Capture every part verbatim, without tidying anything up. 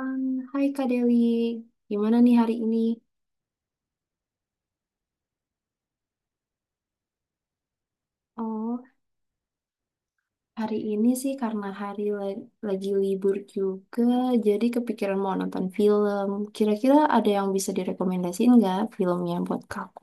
Um, Hai Kak Deli, gimana nih hari ini? Oh, hari ini sih karena hari la- lagi libur juga, jadi kepikiran mau nonton film. Kira-kira ada yang bisa direkomendasiin nggak filmnya buat kaku?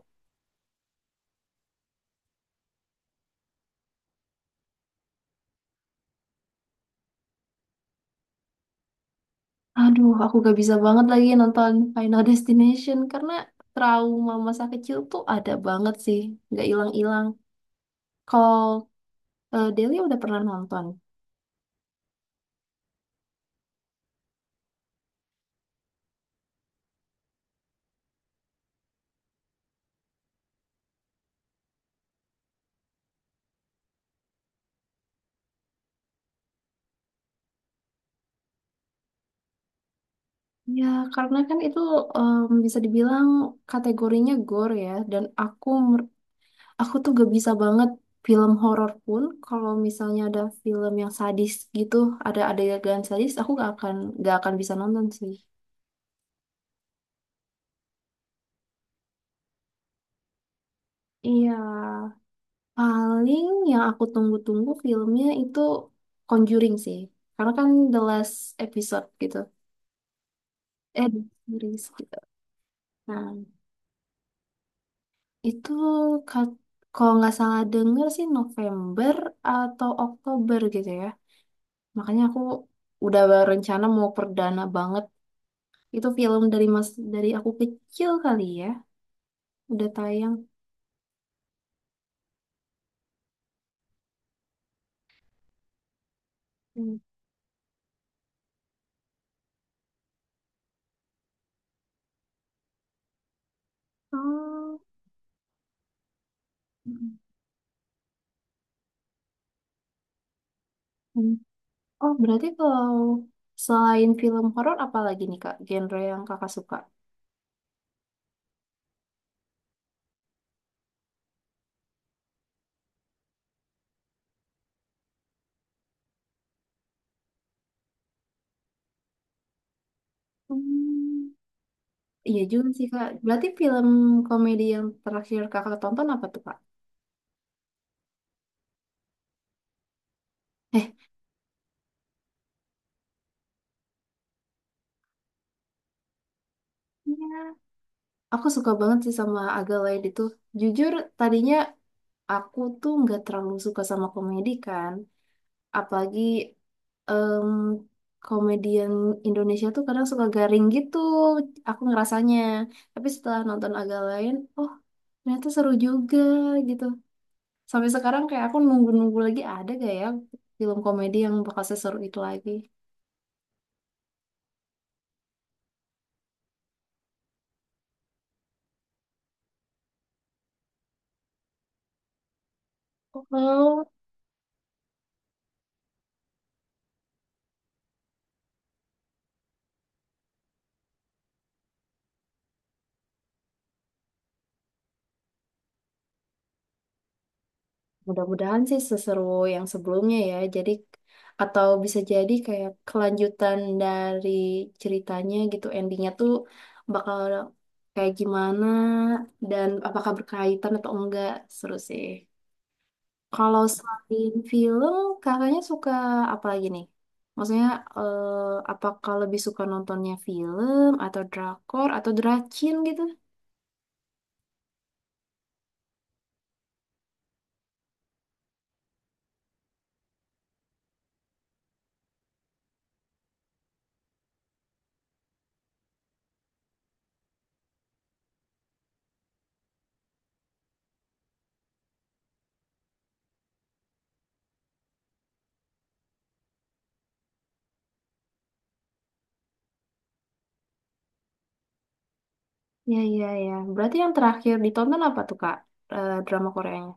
Aduh, aku gak bisa banget lagi nonton Final Destination karena trauma masa kecil tuh ada banget sih, nggak hilang-hilang. Kalau eh, Deli udah pernah nonton? Ya, karena kan itu em, bisa dibilang kategorinya gore ya, dan aku Aku tuh gak bisa banget film horor pun kalau misalnya ada film yang sadis gitu, ada adegan sadis, aku gak akan gak akan bisa nonton sih. Iya, paling yang aku tunggu-tunggu filmnya itu Conjuring sih. Karena kan the last episode gitu. Eh, the series gitu. Nah, itu kat- kalau nggak salah denger sih November atau Oktober gitu ya. Makanya aku udah rencana mau perdana banget. Itu film dari mas dari aku kecil kali ya, udah tayang. Hmm. Oh, Mm. Oh, berarti kalau selain film horor apa lagi nih Kak, genre yang Kakak suka? Hmm. Iya juga sih Kak. Berarti film komedi yang terakhir Kakak tonton apa tuh Kak? Eh, Ya. Aku suka banget sih sama Aga Lain itu. Jujur, tadinya aku tuh nggak terlalu suka sama komedi kan. Apalagi em, komedian Indonesia tuh kadang suka garing gitu, aku ngerasanya. Tapi setelah nonton agak lain, oh ternyata seru juga gitu. Sampai sekarang kayak aku nunggu-nunggu lagi ada gak ya film komedi yang bakal seseru itu lagi. Oh. Mudah-mudahan sih seseru yang sebelumnya ya. Jadi atau bisa jadi kayak kelanjutan dari ceritanya gitu. Endingnya tuh bakal kayak gimana dan apakah berkaitan atau enggak. Seru sih. Kalau selain film, kakaknya suka apa lagi nih? Maksudnya eh, apakah lebih suka nontonnya film atau drakor atau dracin gitu? Ya, ya, ya. Berarti yang terakhir ditonton apa tuh, Kak? Eh, drama Koreanya?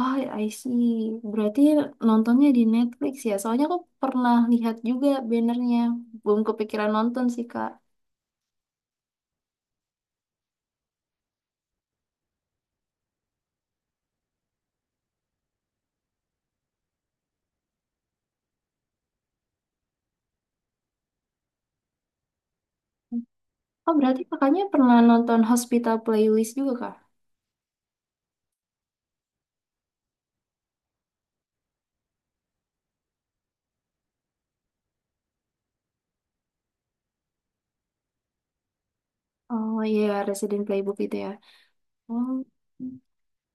Oh, ya, I see. Berarti nontonnya di Netflix ya? Soalnya aku pernah lihat juga bannernya. Belum kepikiran nonton sih, Kak. Oh, berarti kakaknya pernah nonton Hospital Playlist juga, Kak? Oh iya, Resident Playbook itu ya. Oh.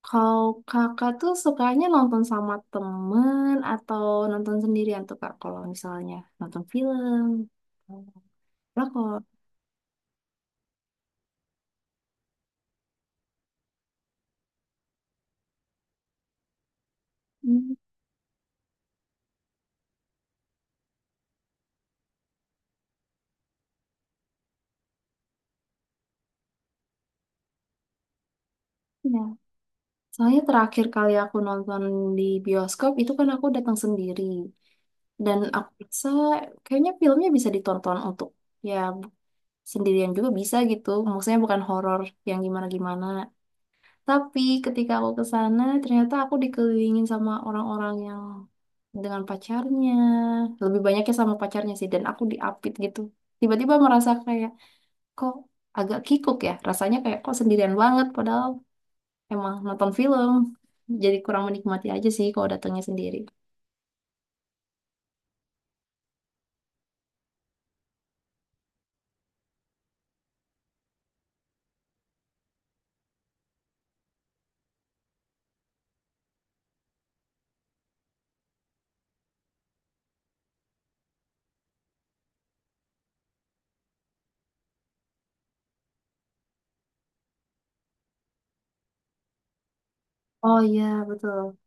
Kalau kakak tuh sukanya nonton sama temen atau nonton sendirian tuh, Kak? Kalau misalnya nonton film. Oh. Lah, kalau... Hmm, ya. Soalnya terakhir kali aku nonton di bioskop itu kan aku datang sendiri. Dan aku rasa kayaknya filmnya bisa ditonton untuk ya sendirian juga bisa gitu. Maksudnya bukan horor yang gimana-gimana. Tapi ketika aku ke sana ternyata aku dikelilingin sama orang-orang yang dengan pacarnya. Lebih banyaknya sama pacarnya sih dan aku diapit gitu. Tiba-tiba merasa kayak kok agak kikuk ya. Rasanya kayak kok sendirian banget padahal emang nonton film. Jadi kurang menikmati aja sih kalau datangnya sendiri. Oh iya, betul.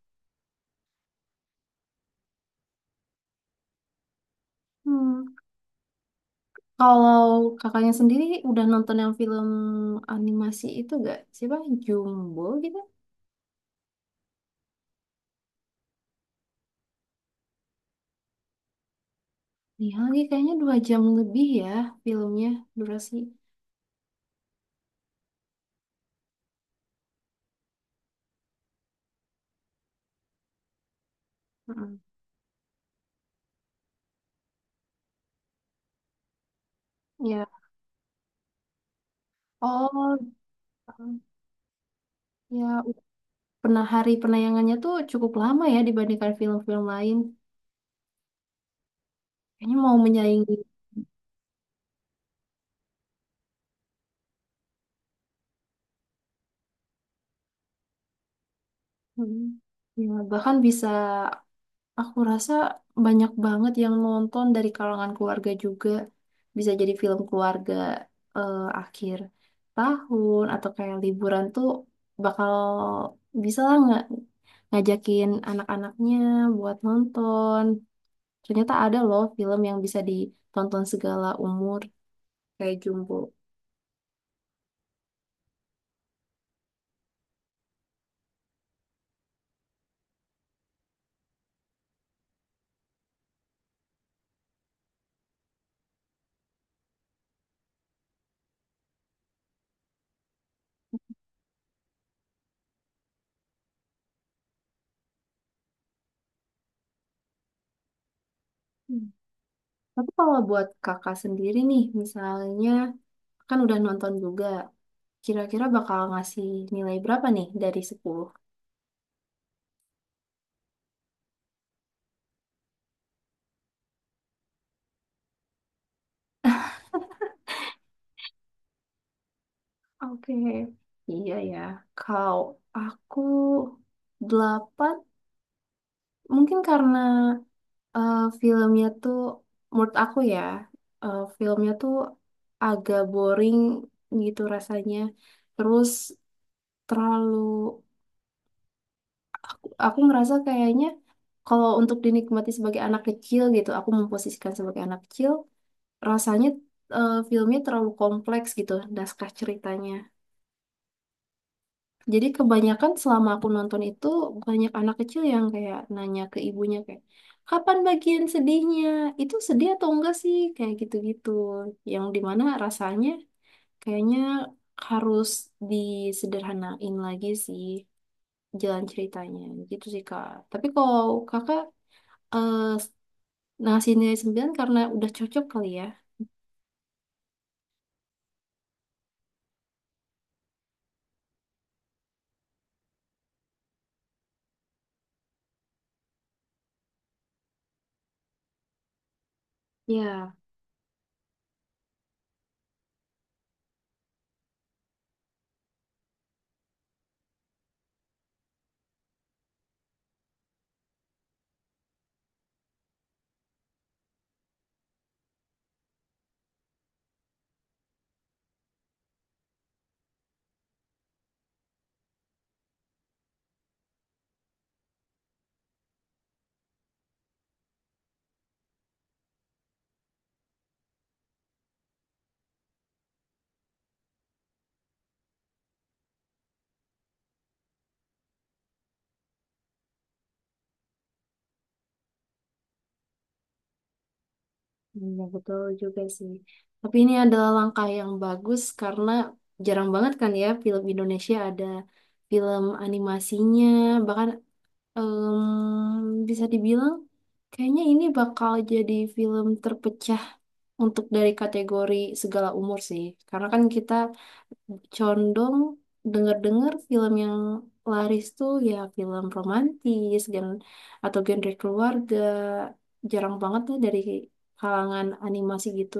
Hmm. Kalau kakaknya sendiri udah nonton yang film animasi itu gak? Siapa? Jumbo gitu? Nih lagi kayaknya dua jam lebih ya filmnya durasi. Mm-mm. Ya. Oh, ya pernah hari penayangannya tuh cukup lama ya dibandingkan film-film lain. Kayaknya mau menyaingi. Mm. Ya, bahkan bisa, aku rasa banyak banget yang nonton dari kalangan keluarga juga. Bisa jadi film keluarga eh, akhir tahun atau kayak liburan tuh bakal bisa lah nggak ngajakin anak-anaknya buat nonton. Ternyata ada loh film yang bisa ditonton segala umur kayak Jumbo. Hmm. Tapi kalau buat kakak sendiri nih, misalnya kan udah nonton juga, kira-kira bakal ngasih nilai berapa nih dari sepuluh? Oke, iya ya. Kalau aku delapan, mungkin karena eh, filmnya tuh, menurut aku ya, eh, filmnya tuh agak boring gitu rasanya. Terus terlalu, aku ngerasa kayaknya kalau untuk dinikmati sebagai anak kecil gitu, aku memposisikan sebagai anak kecil, rasanya eh, filmnya terlalu kompleks gitu, naskah ceritanya. Jadi kebanyakan selama aku nonton itu banyak anak kecil yang kayak nanya ke ibunya kayak kapan bagian sedihnya? Itu sedih atau enggak sih? Kayak gitu-gitu. Yang dimana rasanya kayaknya harus disederhanain lagi sih jalan ceritanya gitu sih Kak. Tapi kalau Kakak eh, ngasih nilai sembilan karena udah cocok kali ya. Ya. Iya, betul juga sih. Tapi ini adalah langkah yang bagus karena jarang banget kan ya film Indonesia ada film animasinya. Bahkan em, bisa dibilang kayaknya ini bakal jadi film terpecah untuk dari kategori segala umur sih. Karena kan kita condong denger-dengar film yang laris tuh ya film romantis gen atau genre keluarga. Jarang banget tuh dari kalangan animasi gitu.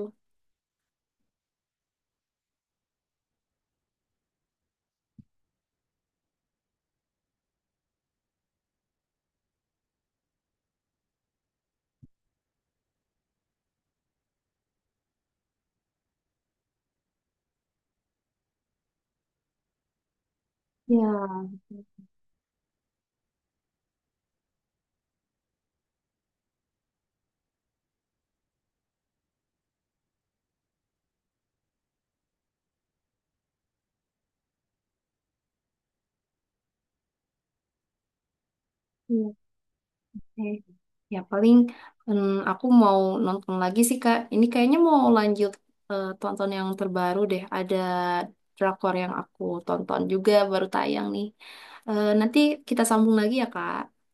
Ya, iya. Eh, Ya paling em, aku mau nonton lagi sih Kak. Ini kayaknya mau lanjut eh, tonton yang terbaru deh. Ada drakor yang aku tonton juga baru tayang nih. Eh, nanti kita sambung lagi ya Kak.